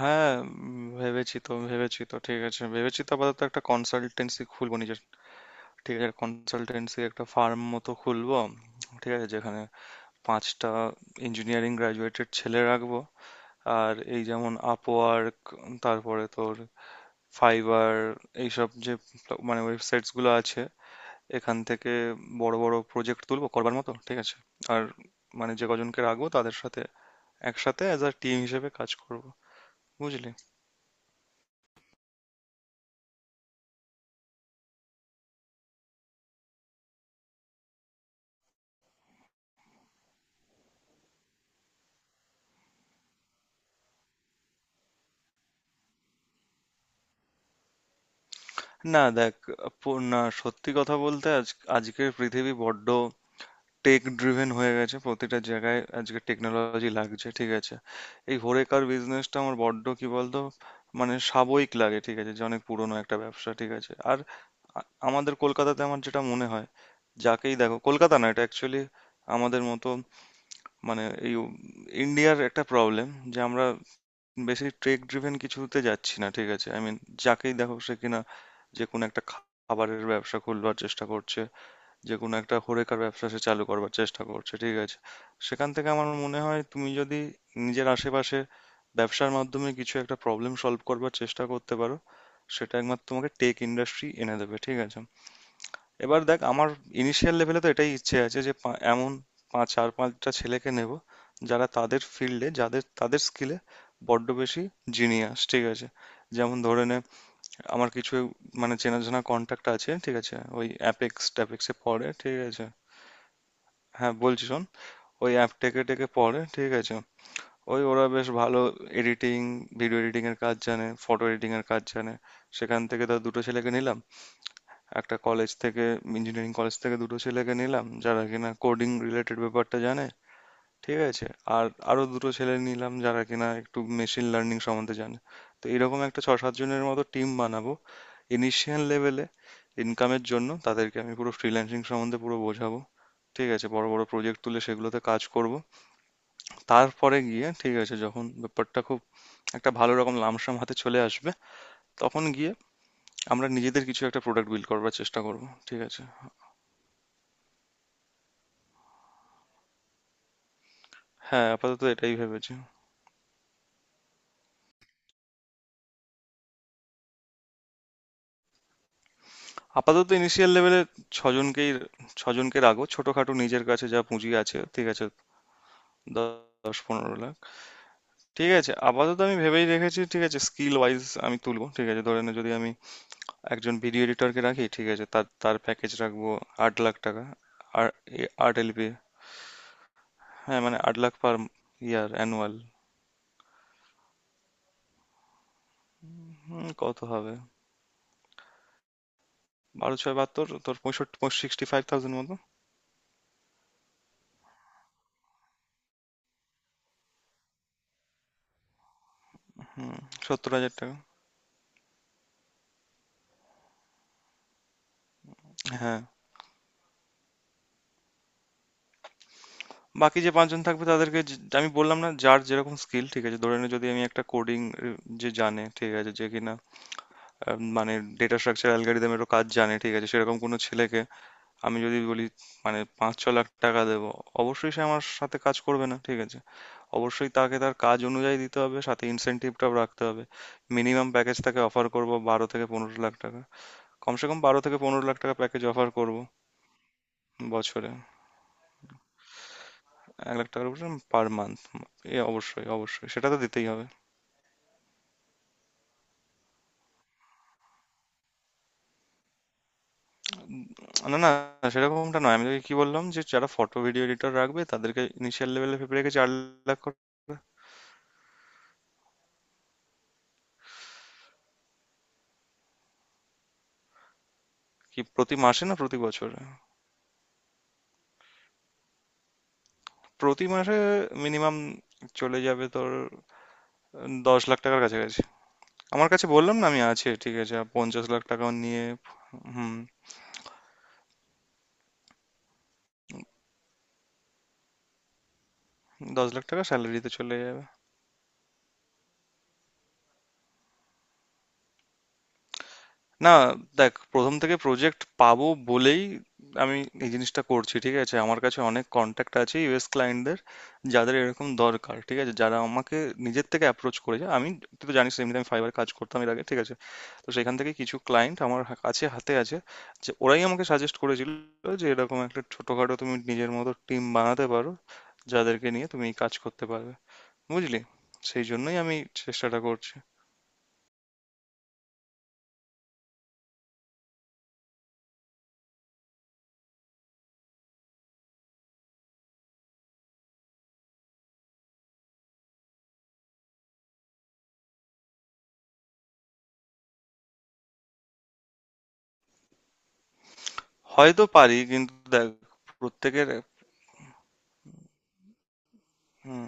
হ্যাঁ, ভেবেছি তো ঠিক আছে, ভেবেছি তো। আপাতত একটা কনসালটেন্সি খুলবো নিজের। ঠিক আছে, কনসালটেন্সি একটা ফার্ম মতো খুলবো। ঠিক আছে, যেখানে ৫টা ইঞ্জিনিয়ারিং গ্রাজুয়েটেড ছেলে রাখবো। আর এই যেমন আপওয়ার্ক, তারপরে তোর ফাইবার, এইসব যে মানে ওয়েবসাইটস গুলো আছে, এখান থেকে বড় বড় প্রজেক্ট তুলবো করবার মতো, ঠিক আছে। আর মানে যে কজনকে রাখবো তাদের সাথে একসাথে অ্যাজ আ টিম হিসেবে কাজ করব, বুঝলি? না দেখ, না সত্যি কথা বলতে আজ আজকের পৃথিবী বড্ড টেক ড্রিভেন হয়ে গেছে। প্রতিটা জায়গায় আজকে টেকনোলজি লাগছে, ঠিক আছে। এই হরেকার বিজনেসটা আমার বড্ড কি বলতো, মানে সাবয়িক লাগে, ঠিক আছে। যে অনেক পুরনো একটা ব্যবসা, ঠিক আছে। আর আমাদের কলকাতাতে আমার যেটা মনে হয়, যাকেই দেখো, কলকাতা না, এটা অ্যাকচুয়ালি আমাদের মতো মানে এই ইন্ডিয়ার একটা প্রবলেম, যে আমরা বেশি ট্রেক ড্রিভেন কিছুতে যাচ্ছি না, ঠিক আছে। আই মিন যাকেই দেখো সে কিনা যে কোনো একটা খাবারের ব্যবসা খুলবার চেষ্টা করছে, যে কোনো একটা হরেকার ব্যবসা সে চালু করবার চেষ্টা করছে, ঠিক আছে। সেখান থেকে আমার মনে হয় তুমি যদি নিজের আশেপাশে ব্যবসার মাধ্যমে কিছু একটা প্রবলেম সলভ করবার চেষ্টা করতে পারো, সেটা একমাত্র তোমাকে টেক ইন্ডাস্ট্রি এনে দেবে, ঠিক আছে। এবার দেখ আমার ইনিশিয়াল লেভেলে তো এটাই ইচ্ছে আছে, যে এমন পাঁচ চার পাঁচটা ছেলেকে নেব, যারা তাদের ফিল্ডে যাদের তাদের স্কিলে বড্ড বেশি জিনিয়াস, ঠিক আছে। যেমন ধরে নে আমার কিছু মানে চেনাজানা কন্ট্যাক্ট আছে, ঠিক আছে, ওই অ্যাপেক্স ট্যাপেক্সে পড়ে, ঠিক আছে। হ্যাঁ বলছি শোন, ওই অ্যাপ টেকে টেকে পড়ে, ঠিক আছে। ওই ওরা বেশ ভালো এডিটিং, ভিডিও এডিটিং এর কাজ জানে, ফটো এডিটিং এর কাজ জানে। সেখান থেকে তার ২টো ছেলেকে নিলাম, একটা কলেজ থেকে, ইঞ্জিনিয়ারিং কলেজ থেকে ২টো ছেলেকে নিলাম যারা কিনা কোডিং রিলেটেড ব্যাপারটা জানে, ঠিক আছে। আর আরো ২টো ছেলে নিলাম যারা কিনা একটু মেশিন লার্নিং সম্বন্ধে জানে। তো এরকম একটা ৬-৭ জনের মতো টিম বানাবো ইনিশিয়াল লেভেলে। ইনকামের জন্য তাদেরকে আমি পুরো ফ্রিল্যান্সিং সম্বন্ধে পুরো বোঝাবো, ঠিক আছে। বড় বড় প্রজেক্ট তুলে সেগুলোতে কাজ করব। তারপরে গিয়ে, ঠিক আছে, যখন ব্যাপারটা খুব একটা ভালো রকম লামসাম হাতে চলে আসবে, তখন গিয়ে আমরা নিজেদের কিছু একটা প্রোডাক্ট বিল্ড করবার চেষ্টা করব, ঠিক আছে। হ্যাঁ আপাতত এটাই ভেবেছি। আপাতত ইনিশিয়াল লেভেলে ছজনকেই ছজনকে রাখবো ছোটখাটো, নিজের কাছে যা পুঁজি আছে, ঠিক আছে। দ- ১০-১৫ লাখ, ঠিক আছে, আপাতত আমি ভেবেই রেখেছি, ঠিক আছে। স্কিল ওয়াইজ আমি তুলবো, ঠিক আছে। ধরে নে যদি আমি একজন ভিডিও এডিটরকে রাখি, ঠিক আছে, তার তার প্যাকেজ রাখবো ৮ লাখ টাকা। আর ৮ LPA, হ্যাঁ মানে ৮ লাখ পার ইয়ার, অ্যানুয়াল। কত হবে? ১২×৬=৭২, তোর ৬৫, ৬৫,০০০ মতো। হুম, ৭০,০০০ টাকা। হ্যাঁ, বাকি যে ৫ জন থাকবে তাদেরকে, যে আমি বললাম না, যার যেরকম স্কিল, ঠিক আছে। ধরে নে যদি আমি একটা কোডিং যে জানে, ঠিক আছে, যে কিনা মানে ডেটা স্ট্রাকচার অ্যালগরিদমেরও কাজ জানে, ঠিক আছে, সেরকম কোনো ছেলেকে আমি যদি বলি মানে ৫-৬ লাখ টাকা দেবো, অবশ্যই সে আমার সাথে কাজ করবে না, ঠিক আছে। অবশ্যই তাকে তার কাজ অনুযায়ী দিতে হবে, সাথে ইনসেনটিভটাও রাখতে হবে। মিনিমাম প্যাকেজ তাকে অফার করব ১২-১৫ লাখ টাকা। কমসে কম ১২-১৫ লাখ টাকা প্যাকেজ অফার করব, বছরে ১ লাখ টাকার উপরে, পার মান্থ। এ অবশ্যই অবশ্যই সেটা তো দিতেই হবে। না না, সেরকমটা নয়। আমি তোকে কি বললাম, যে যারা ফটো ভিডিও এডিটর রাখবে তাদেরকে ইনিশিয়াল লেভেলে ভেবে রেখে ৪ লাখ করে- কি প্রতি মাসে না প্রতি বছর? প্রতি মাসে মিনিমাম চলে যাবে তোর ১০ লাখ টাকার কাছাকাছি। আমার কাছে বললাম না আমি আছে, ঠিক আছে, আর ৫০ লাখ টাকা নিয়ে। হুম, ১০ লাখ টাকা স্যালারিতে চলে যাবে। না দেখ, ১ম থেকে প্রজেক্ট পাবো বলেই আমি এই জিনিসটা করছি, ঠিক আছে? আমার কাছে অনেক কনট্যাক্ট আছে ইউএস ক্লায়েন্টদের, যাদের এরকম দরকার, ঠিক আছে? যারা আমাকে নিজের থেকে অ্যাপ্রোচ করেছে। আমি, তুই তো জানিস এমনিতে আমি ফাইবার কাজ করতাম এর আগে, ঠিক আছে? তো সেখান থেকে কিছু ক্লায়েন্ট আমার কাছে হাতে আছে, যে ওরাই আমাকে সাজেস্ট করেছিল যে এরকম একটা ছোটখাটো তুমি নিজের মতো টিম বানাতে পারো, যাদেরকে নিয়ে তুমি এই কাজ করতে পারবে, বুঝলি? সেই জন্যই আমি চেষ্টাটা করছি। হয়তো পারি, কিন্তু দেখ প্রত্যেকের, হুম,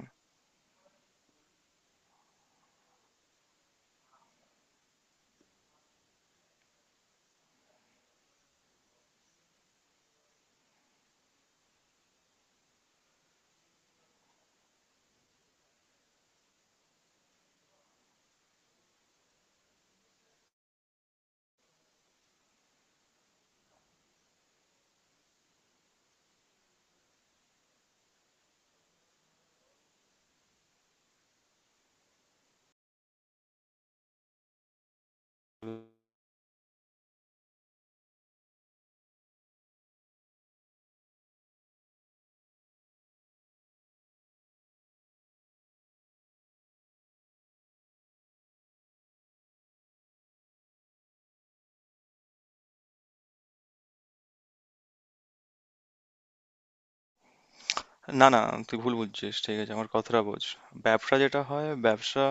না, না, তুই ভুল বুঝছিস। ঠিক আছে, আমার কথাটা বোঝ। ব্যবসা যেটা হয়, ব্যবসা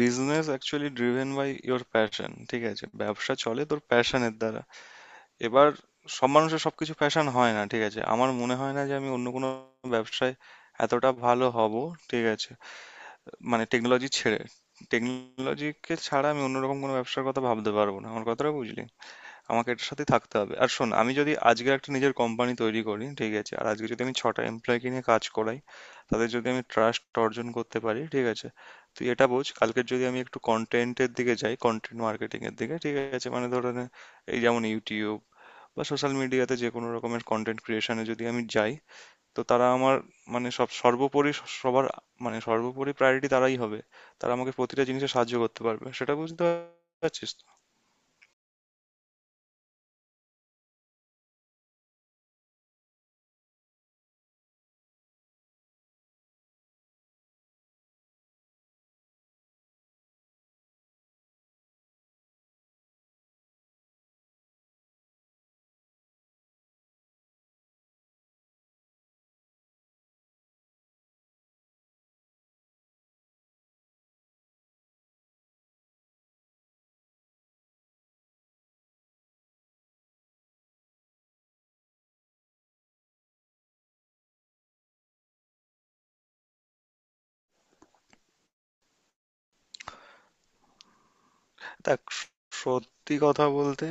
business actually driven by your passion. ঠিক আছে, ব্যবসা চলে তোর প্যাশনের দ্বারা। এবার সব মানুষের সবকিছু প্যাশন হয় না। ঠিক আছে, আমার মনে হয় না যে আমি অন্য কোনো ব্যবসায় এতটা ভালো হব। ঠিক আছে, মানে টেকনোলজি ছেড়ে, টেকনোলজিকে ছাড়া আমি অন্যরকম কোনো ব্যবসার কথা ভাবতে পারবো না। আমার কথাটা বুঝলি? আমাকে এটার সাথে থাকতে হবে। আর শোন, আমি যদি আজকে একটা নিজের কোম্পানি তৈরি করি, ঠিক আছে, আর আজকে যদি আমি ৬টা এমপ্লয়কে নিয়ে কাজ করাই, তাদের যদি আমি ট্রাস্ট অর্জন করতে পারি, ঠিক আছে, তুই এটা বোঝ, কালকের যদি আমি একটু কন্টেন্টের দিকে যাই, কন্টেন্ট মার্কেটিং এর দিকে, ঠিক আছে, মানে ধরে নে, এই যেমন ইউটিউব বা সোশ্যাল মিডিয়াতে যে কোনো রকমের কন্টেন্ট ক্রিয়েশনে যদি আমি যাই, তো তারা আমার, মানে সব সর্বোপরি সবার, মানে সর্বোপরি প্রায়োরিটি তারাই হবে। তারা আমাকে প্রতিটা জিনিসে সাহায্য করতে পারবে, সেটা বুঝতে পারছিস? দেখ, সত্যি কথা বলতে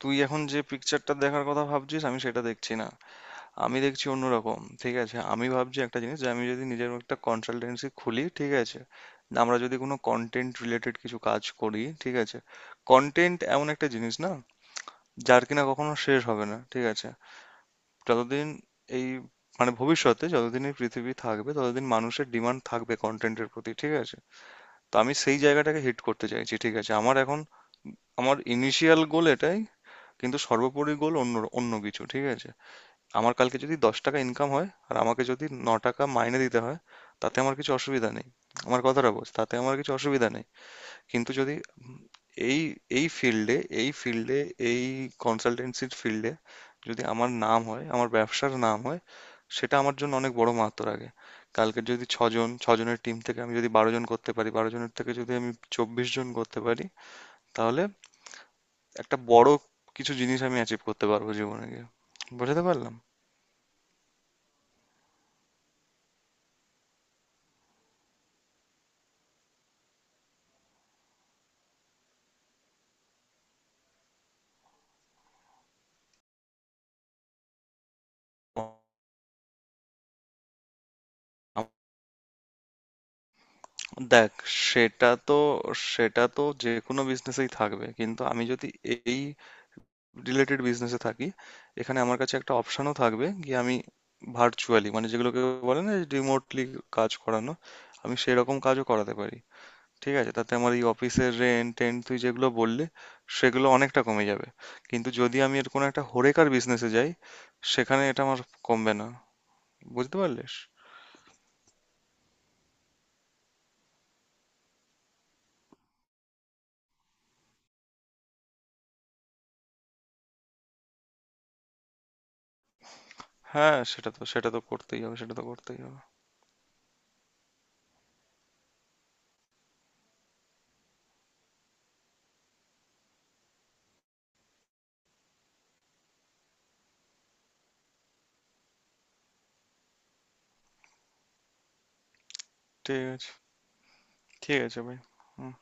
তুই এখন যে পিকচারটা দেখার কথা ভাবছিস আমি সেটা দেখছি না। আমি দেখছি অন্যরকম, ঠিক আছে। আমি ভাবছি একটা জিনিস, যে আমি যদি নিজের একটা কনসালটেন্সি খুলি, ঠিক আছে, আমরা যদি কোনো কন্টেন্ট রিলেটেড কিছু কাজ করি, ঠিক আছে, কন্টেন্ট এমন একটা জিনিস না যার কিনা কখনো শেষ হবে না, ঠিক আছে। যতদিন এই মানে ভবিষ্যতে যতদিন এই পৃথিবী থাকবে ততদিন মানুষের ডিমান্ড থাকবে কন্টেন্টের প্রতি, ঠিক আছে। তো আমি সেই জায়গাটাকে হিট করতে চাইছি, ঠিক আছে। আমার এখন, আমার ইনিশিয়াল গোল এটাই, কিন্তু সর্বোপরি গোল অন্য অন্য কিছু, ঠিক আছে। আমার কালকে যদি ১০ টাকা ইনকাম হয় আর আমাকে যদি ৯ টাকা মাইনে দিতে হয়, তাতে আমার কিছু অসুবিধা নেই। আমার কথাটা বোঝ, তাতে আমার কিছু অসুবিধা নেই। কিন্তু যদি এই এই ফিল্ডে এই ফিল্ডে এই কনসালটেন্সির ফিল্ডে যদি আমার নাম হয়, আমার ব্যবসার নাম হয়, সেটা আমার জন্য অনেক বড় মাহাত্ম রাখে। কালকে যদি ৬ জন, ৬ জনের টিম থেকে আমি যদি ১২ জন করতে পারি, ১২ জনের থেকে যদি আমি ২৪ জন করতে পারি, তাহলে একটা বড় কিছু জিনিস আমি অ্যাচিভ করতে পারবো জীবনে গিয়ে। বুঝাতে পারলাম? দেখ সেটা তো সেটা তো যে কোনো বিজনেসেই থাকবে, কিন্তু আমি যদি এই রিলেটেড বিজনেসে থাকি, এখানে আমার কাছে একটা অপশনও থাকবে, গিয়ে আমি ভার্চুয়ালি মানে যেগুলোকে বলে না রিমোটলি কাজ করানো, আমি সেরকম কাজও করাতে পারি, ঠিক আছে। তাতে আমার এই অফিসের রেন্ট টেন্ট তুই যেগুলো বললি, সেগুলো অনেকটা কমে যাবে। কিন্তু যদি আমি এর কোনো একটা হরেকার বিজনেসে যাই, সেখানে এটা আমার কমবে না, বুঝতে পারলিস? হ্যাঁ সেটা তো সেটা তো করতেই হবে সেটা তো করতেই হবে ঠিক আছে, ঠিক আছে ভাই। হুম।